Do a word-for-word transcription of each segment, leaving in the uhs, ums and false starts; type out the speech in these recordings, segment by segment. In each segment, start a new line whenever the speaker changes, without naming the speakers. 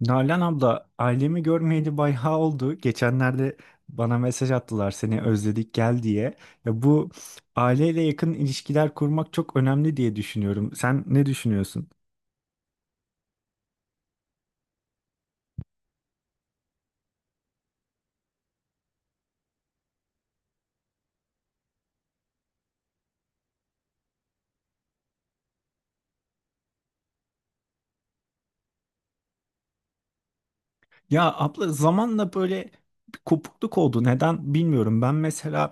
Nalan abla, ailemi görmeyeli bayağı oldu. Geçenlerde bana mesaj attılar seni özledik gel diye. Ya bu aileyle yakın ilişkiler kurmak çok önemli diye düşünüyorum. Sen ne düşünüyorsun? Ya abla zamanla böyle bir kopukluk oldu. Neden bilmiyorum. Ben mesela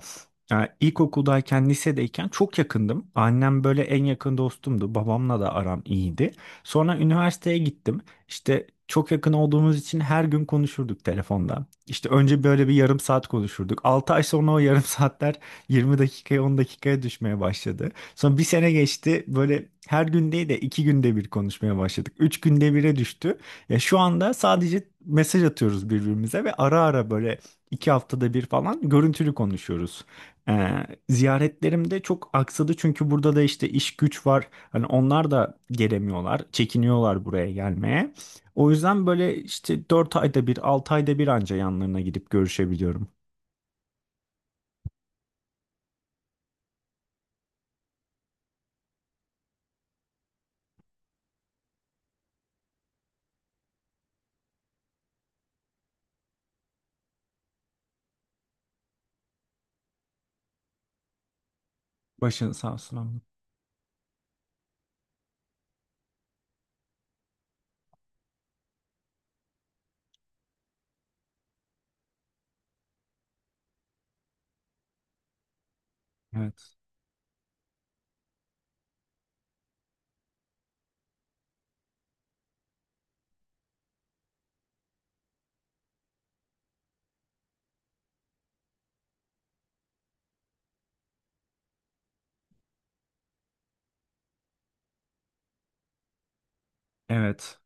e, ilkokuldayken, lisedeyken çok yakındım. Annem böyle en yakın dostumdu. Babamla da aram iyiydi. Sonra üniversiteye gittim. İşte çok yakın olduğumuz için her gün konuşurduk telefonda. İşte önce böyle bir yarım saat konuşurduk. Altı ay sonra o yarım saatler yirmi dakikaya on dakikaya düşmeye başladı. Sonra bir sene geçti. Böyle her gün değil de iki günde bir konuşmaya başladık. Üç günde bire düştü. Ya şu anda sadece mesaj atıyoruz birbirimize ve ara ara böyle iki haftada bir falan görüntülü konuşuyoruz. Ee, ziyaretlerim de çok aksadı çünkü burada da işte iş güç var. Hani onlar da gelemiyorlar, çekiniyorlar buraya gelmeye. O yüzden böyle işte dört ayda bir, altı ayda bir anca yanlarına gidip görüşebiliyorum. Başın sağ olsun abla. Evet. Evet.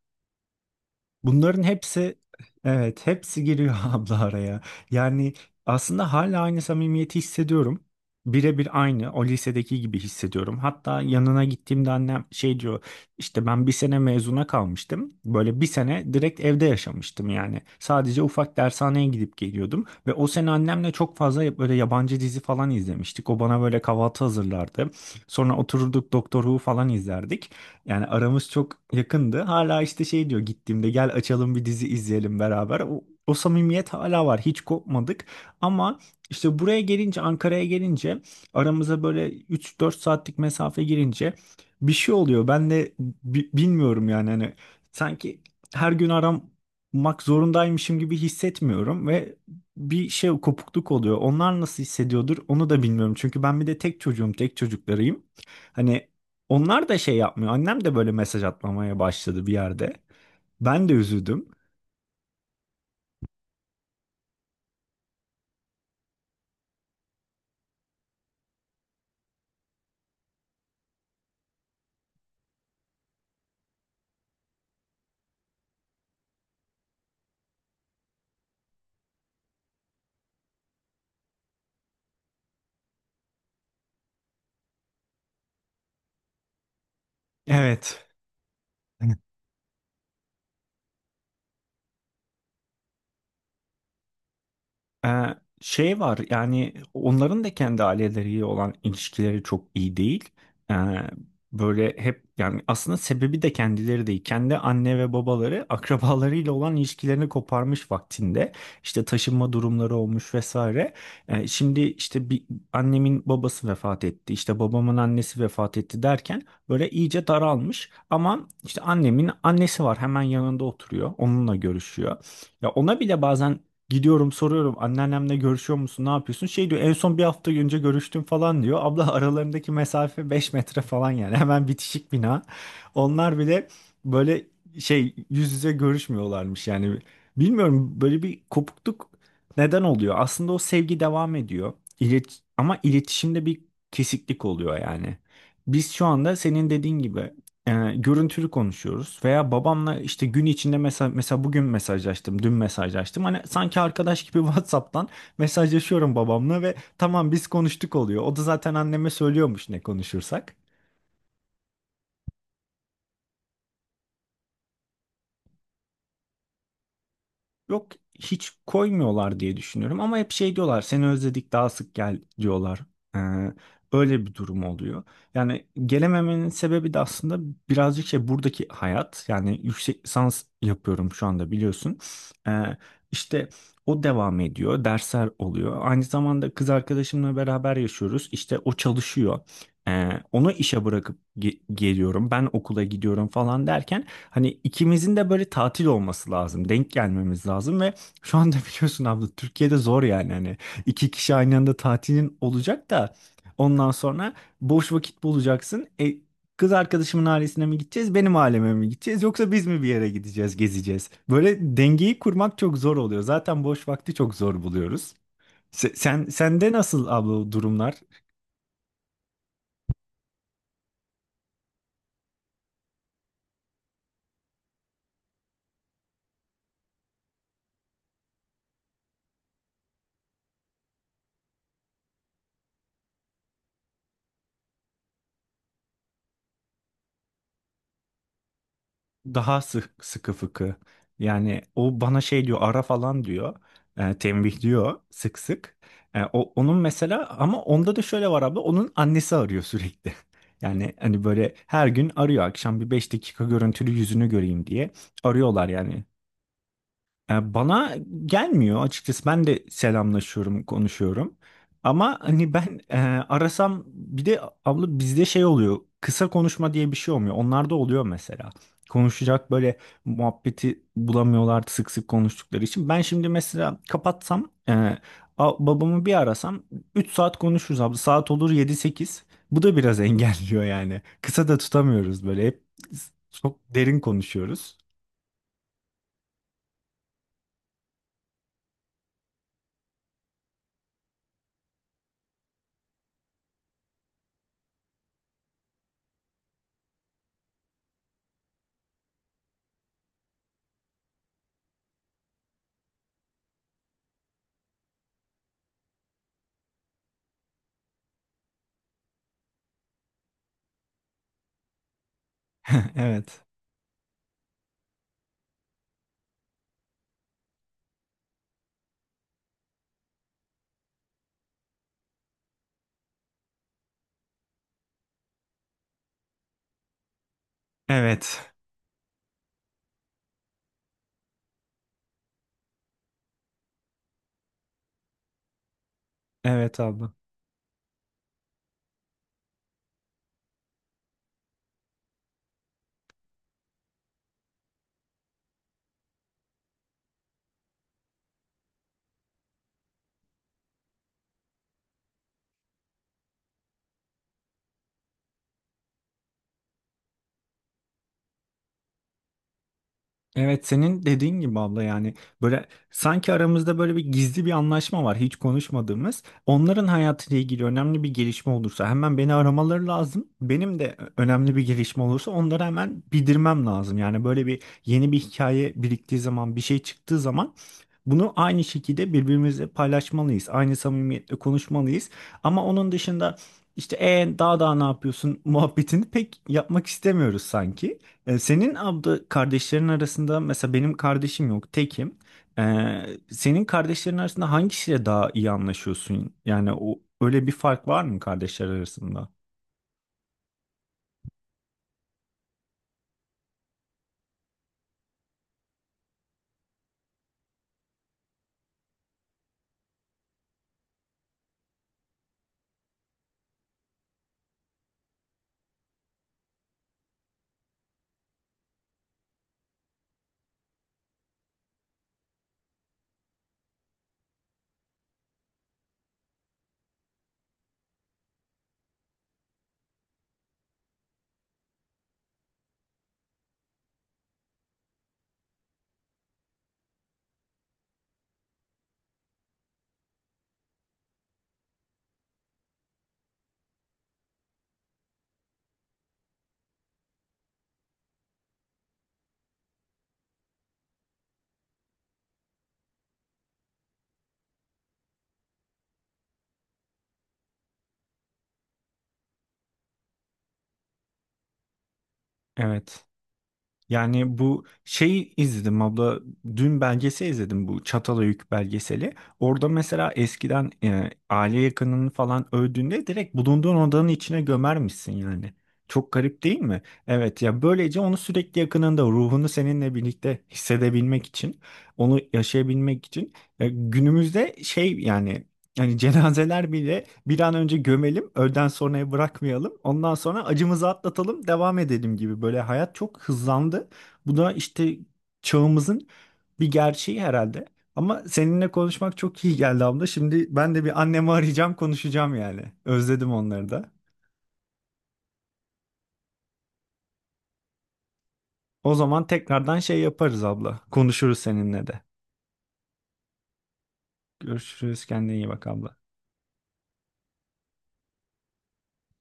Bunların hepsi evet hepsi giriyor abla araya. Yani aslında hala aynı samimiyeti hissediyorum. Birebir aynı o lisedeki gibi hissediyorum. Hatta yanına gittiğimde annem şey diyor işte ben bir sene mezuna kalmıştım. Böyle bir sene direkt evde yaşamıştım yani. Sadece ufak dershaneye gidip geliyordum. Ve o sene annemle çok fazla böyle yabancı dizi falan izlemiştik. O bana böyle kahvaltı hazırlardı. Sonra otururduk Doktor Who falan izlerdik. Yani aramız çok yakındı. Hala işte şey diyor gittiğimde gel açalım bir dizi izleyelim beraber. O, o samimiyet hala var. Hiç kopmadık. Ama işte buraya gelince Ankara'ya gelince aramıza böyle üç dört saatlik mesafe girince bir şey oluyor. Ben de bi- bilmiyorum yani hani sanki her gün aramak zorundaymışım gibi hissetmiyorum ve bir şey kopukluk oluyor. Onlar nasıl hissediyordur onu da bilmiyorum. Çünkü ben bir de tek çocuğum, tek çocuklarıyım. Hani onlar da şey yapmıyor. Annem de böyle mesaj atmamaya başladı bir yerde. Ben de üzüldüm. Evet. Ee, şey var yani onların da kendi aileleriyle olan ilişkileri çok iyi değil. Ee, böyle hep yani aslında sebebi de kendileri değil. Kendi anne ve babaları akrabalarıyla olan ilişkilerini koparmış vaktinde. İşte taşınma durumları olmuş vesaire. Ee, şimdi işte bir annemin babası vefat etti. İşte babamın annesi vefat etti derken böyle iyice daralmış. Ama işte annemin annesi var hemen yanında oturuyor. Onunla görüşüyor. Ya ona bile bazen Gidiyorum soruyorum anneannemle görüşüyor musun ne yapıyorsun? Şey diyor en son bir hafta önce görüştüm falan diyor. Abla aralarındaki mesafe beş metre falan yani hemen bitişik bina. Onlar bile böyle şey yüz yüze görüşmüyorlarmış yani. Bilmiyorum böyle bir kopukluk neden oluyor? Aslında o sevgi devam ediyor. İlet ama iletişimde bir kesiklik oluyor yani. Biz şu anda senin dediğin gibi e, görüntülü konuşuyoruz veya babamla işte gün içinde mesela mesela bugün mesajlaştım, dün mesajlaştım. Hani sanki arkadaş gibi WhatsApp'tan mesajlaşıyorum babamla ve tamam biz konuştuk oluyor. O da zaten anneme söylüyormuş ne konuşursak. Yok hiç koymuyorlar diye düşünüyorum ama hep şey diyorlar seni özledik daha sık gel diyorlar. Ee, öyle bir durum oluyor. Yani gelememenin sebebi de aslında birazcık şey buradaki hayat yani yüksek lisans yapıyorum şu anda biliyorsun. Ee, işte o devam ediyor dersler oluyor. Aynı zamanda kız arkadaşımla beraber yaşıyoruz işte o çalışıyor. Ee, onu işe bırakıp ge- geliyorum ben okula gidiyorum falan derken Hani ikimizin de böyle tatil olması lazım. Denk gelmemiz lazım ve şu anda biliyorsun abla Türkiye'de zor yani. Hani iki kişi aynı anda tatilin olacak da ondan sonra boş vakit bulacaksın. E, kız arkadaşımın ailesine mi gideceğiz, benim aileme mi gideceğiz yoksa biz mi bir yere gideceğiz, gezeceğiz? Böyle dengeyi kurmak çok zor oluyor. Zaten boş vakti çok zor buluyoruz. Se- Sen, sende nasıl abla durumlar? Daha sık, sıkı fıkı. Yani o bana şey diyor ara falan diyor. E, tembih diyor sık sık. E, o, onun mesela ama onda da şöyle var abi onun annesi arıyor sürekli. Yani hani böyle her gün arıyor akşam bir beş dakika görüntülü yüzünü göreyim diye arıyorlar yani. E, Bana gelmiyor açıkçası. Ben de selamlaşıyorum, konuşuyorum. Ama hani ben e, arasam bir de abla bizde şey oluyor. Kısa konuşma diye bir şey olmuyor. Onlarda oluyor mesela. Konuşacak böyle muhabbeti bulamıyorlar sık sık konuştukları için. Ben şimdi mesela kapatsam e, a- babamı bir arasam üç saat konuşuruz abla. Saat olur yedi sekiz. Bu da biraz engelliyor yani. Kısa da tutamıyoruz böyle. Hep çok derin konuşuyoruz. Evet. Evet. Evet abla. Evet senin dediğin gibi abla yani böyle sanki aramızda böyle bir gizli bir anlaşma var hiç konuşmadığımız. Onların hayatıyla ilgili önemli bir gelişme olursa hemen beni aramaları lazım. Benim de önemli bir gelişme olursa onları hemen bildirmem lazım. Yani böyle bir yeni bir hikaye biriktiği zaman bir şey çıktığı zaman bunu aynı şekilde birbirimizle paylaşmalıyız. Aynı samimiyetle konuşmalıyız. Ama onun dışında işte e, daha daha ne yapıyorsun muhabbetini pek yapmak istemiyoruz sanki. E, Senin abla kardeşlerin arasında mesela benim kardeşim yok, tekim. E, senin kardeşlerin arasında hangisiyle daha iyi anlaşıyorsun? Yani o öyle bir fark var mı kardeşler arasında? Evet. Yani bu şeyi izledim abla dün belgesel izledim bu Çatalhöyük belgeseli. Orada mesela eskiden e, aile yakınını falan öldüğünde direkt bulunduğun odanın içine gömermişsin yani. Çok garip değil mi? Evet ya böylece onu sürekli yakınında ruhunu seninle birlikte hissedebilmek için onu yaşayabilmek için e, günümüzde şey yani yani cenazeler bile bir an önce gömelim, öğleden sonraya bırakmayalım. Ondan sonra acımızı atlatalım, devam edelim gibi. Böyle hayat çok hızlandı. Bu da işte çağımızın bir gerçeği herhalde. Ama seninle konuşmak çok iyi geldi abla. Şimdi ben de bir annemi arayacağım, konuşacağım yani. Özledim onları da. O zaman tekrardan şey yaparız abla. Konuşuruz seninle de. Görüşürüz. Kendine iyi bak abla.